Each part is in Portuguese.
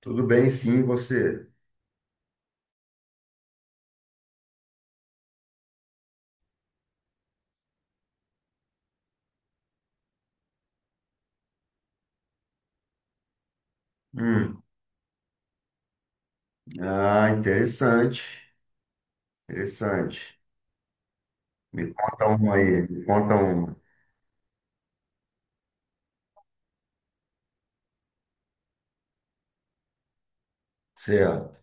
Tudo bem, sim, e você? Hum, Ah, interessante, interessante. Me conta uma aí, me conta uma. Certo.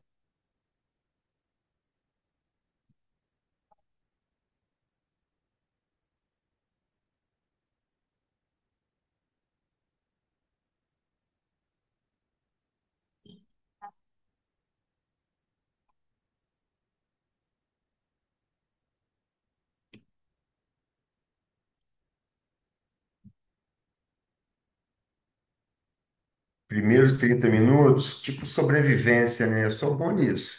Primeiros 30 minutos, tipo sobrevivência, né? Eu sou bom nisso.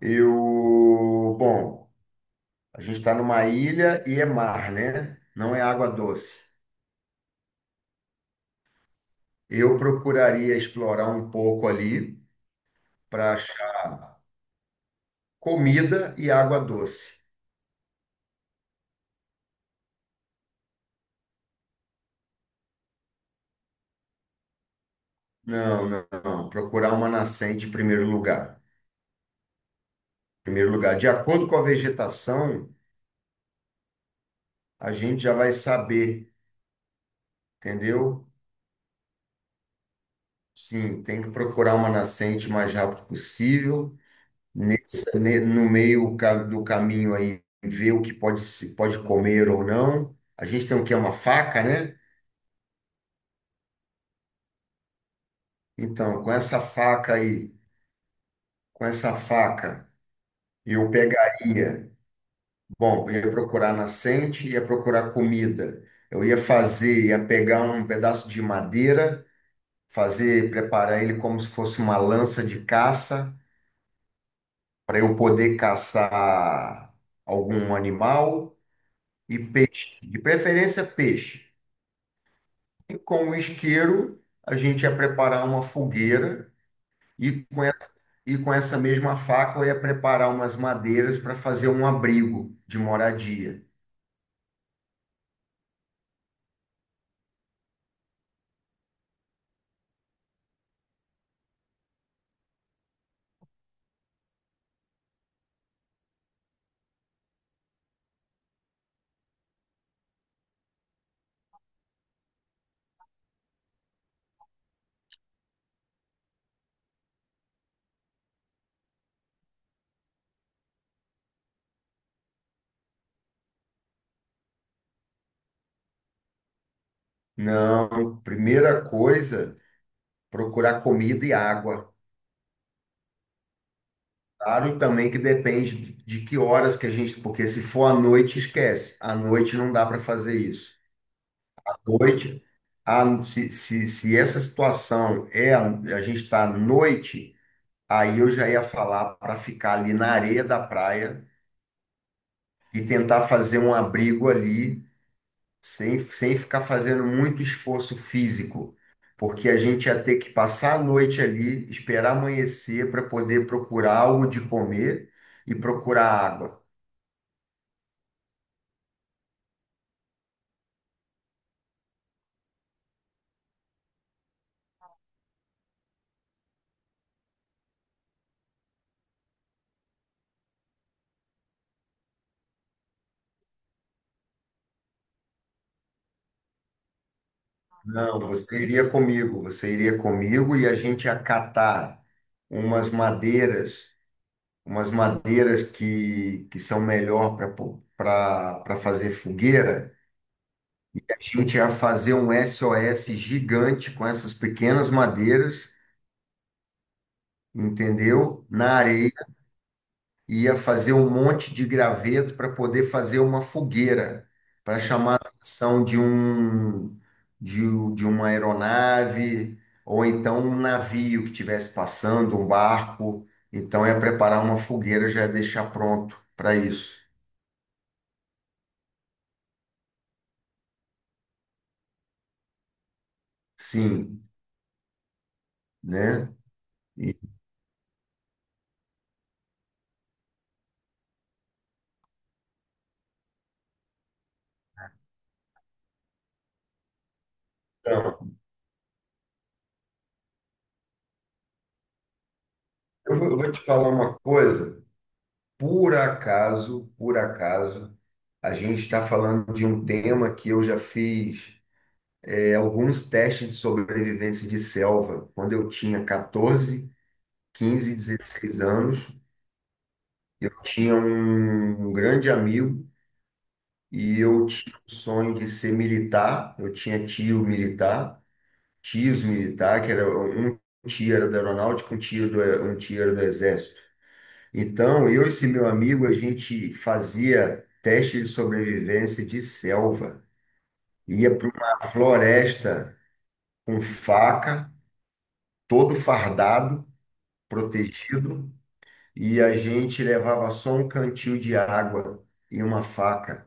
Eu, bom, a gente está numa ilha e é mar, né? Não é água doce. Eu procuraria explorar um pouco ali para achar comida e água doce. Não, não, não. Procurar uma nascente em primeiro lugar. Primeiro lugar. De acordo com a vegetação, a gente já vai saber, entendeu? Sim, tem que procurar uma nascente o mais rápido possível, no meio do caminho aí, ver o que pode se pode comer ou não. A gente tem o que é uma faca, né? Então, com essa faca, eu pegaria, bom, eu ia procurar nascente, ia procurar comida. Eu ia pegar um pedaço de madeira preparar ele como se fosse uma lança de caça, para eu poder caçar algum animal e peixe, de preferência peixe. E com o isqueiro, a gente ia preparar uma fogueira e com, e- e com essa mesma faca eu ia preparar umas madeiras para fazer um abrigo de moradia. Não, primeira coisa, procurar comida e água. Claro, e também que depende de que horas que a gente, porque se for à noite, esquece. À noite não dá para fazer isso. À noite, se essa situação é, a gente está à noite, aí eu já ia falar para ficar ali na areia da praia e tentar fazer um abrigo ali, sem ficar fazendo muito esforço físico, porque a gente ia ter que passar a noite ali, esperar amanhecer para poder procurar algo de comer e procurar água. Não, você iria comigo e a gente ia catar umas madeiras, umas madeiras que são melhor para fazer fogueira. A gente ia fazer um SOS gigante com essas pequenas madeiras, entendeu? Na areia. Ia fazer um monte de graveto para poder fazer uma fogueira, para chamar a atenção de uma aeronave ou então um navio que estivesse passando, um barco. Então é preparar uma fogueira, já é deixar pronto para isso. Sim, né? Então, eu vou te falar uma coisa. Por acaso, a gente está falando de um tema que eu já fiz alguns testes de sobrevivência de selva. Quando eu tinha 14, 15, 16 anos, eu tinha um grande amigo e eu tinha o sonho de ser militar. Eu tinha tio militar, tios militar, que era um tio era da aeronáutica, um tio era do exército. Então, eu e esse meu amigo, a gente fazia teste de sobrevivência de selva. Ia para uma floresta com faca, todo fardado, protegido e a gente levava só um cantil de água e uma faca.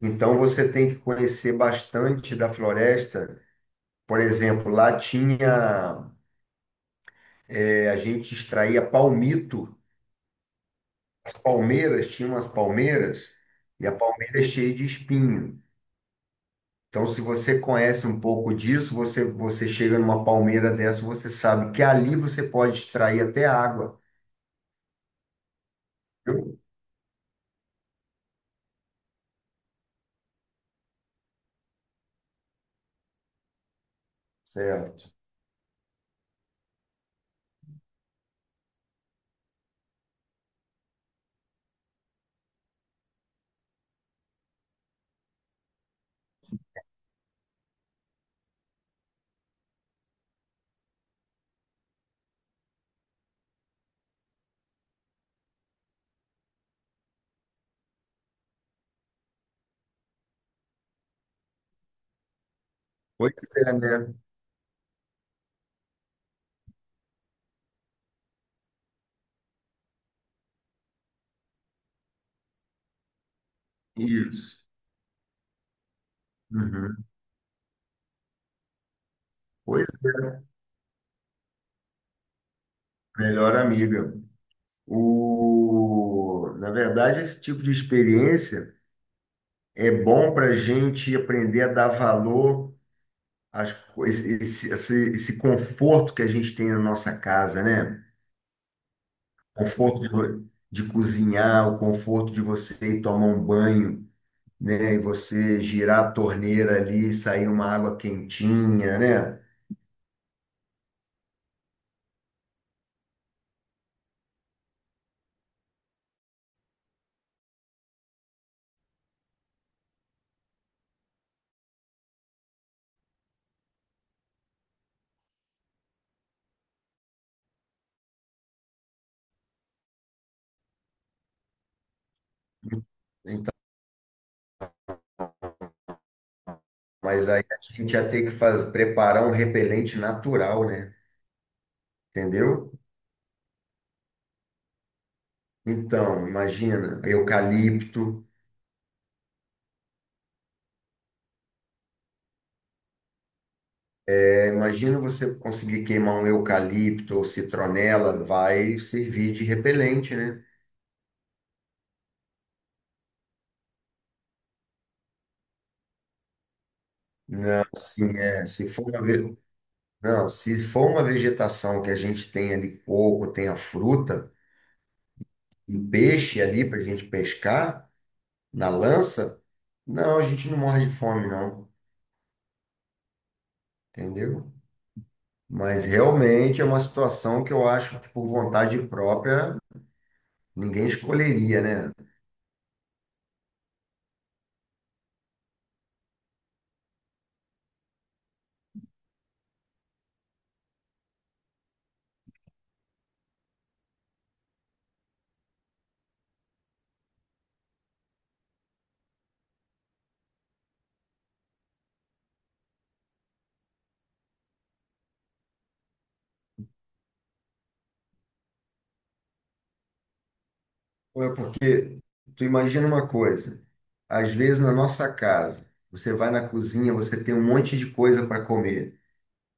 Então você tem que conhecer bastante da floresta. Por exemplo, lá tinha, a gente extraía palmito, as palmeiras, tinha umas palmeiras e a palmeira é cheia de espinho. Então, se você conhece um pouco disso, você, você chega numa palmeira dessa, você sabe que ali você pode extrair até água, viu? Certo. Pois é, né? Isso. Uhum. Pois Melhor amiga. O... Na verdade, esse tipo de experiência é bom para a gente aprender a dar valor às... co- esse- esse conforto que a gente tem na nossa casa, né? Conforto de cozinhar, o conforto de você ir tomar um banho, né? E você girar a torneira ali, sair uma água quentinha, né? Então, mas aí a gente ia ter que preparar um repelente natural, né? Entendeu? Então, imagina, eucalipto. É, imagina você conseguir queimar um eucalipto ou citronela, vai servir de repelente, né? Não, assim, é, se for uma, ve- não, se for uma vegetação que a gente tem ali coco, tem a fruta e peixe ali para a gente pescar na lança, não, a gente não morre de fome, não, entendeu? Mas realmente é uma situação que eu acho que por vontade própria ninguém escolheria, né? Ou é porque tu imagina uma coisa, às vezes na nossa casa, você vai na cozinha, você tem um monte de coisa para comer,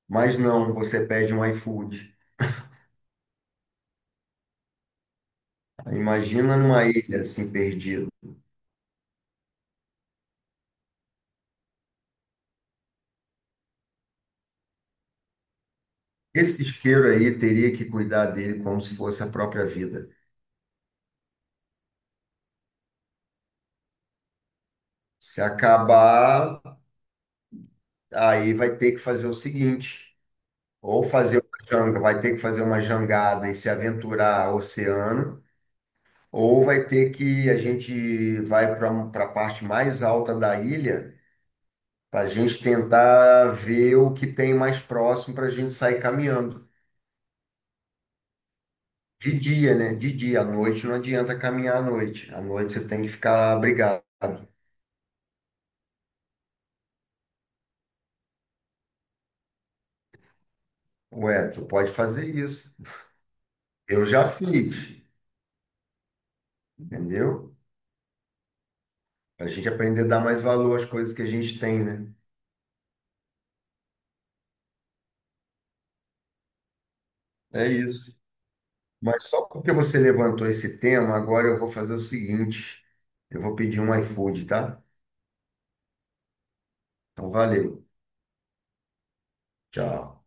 mas não, você pede um iFood. Imagina numa ilha assim perdido. Esse isqueiro aí teria que cuidar dele como se fosse a própria vida. Se acabar, aí vai ter que fazer o seguinte, ou fazer uma janga, vai ter que fazer uma jangada e se aventurar ao oceano. Ou vai ter que a gente vai para a parte mais alta da ilha para a gente tentar ver o que tem mais próximo para a gente sair caminhando. De dia, né? De dia. À noite não adianta caminhar à noite. À noite você tem que ficar abrigado. Ué, tu pode fazer isso. Eu já fiz, entendeu? A gente aprender a dar mais valor às coisas que a gente tem, né? É isso. Mas só porque você levantou esse tema, agora eu vou fazer o seguinte. Eu vou pedir um iFood, tá? Então, valeu. Tchau.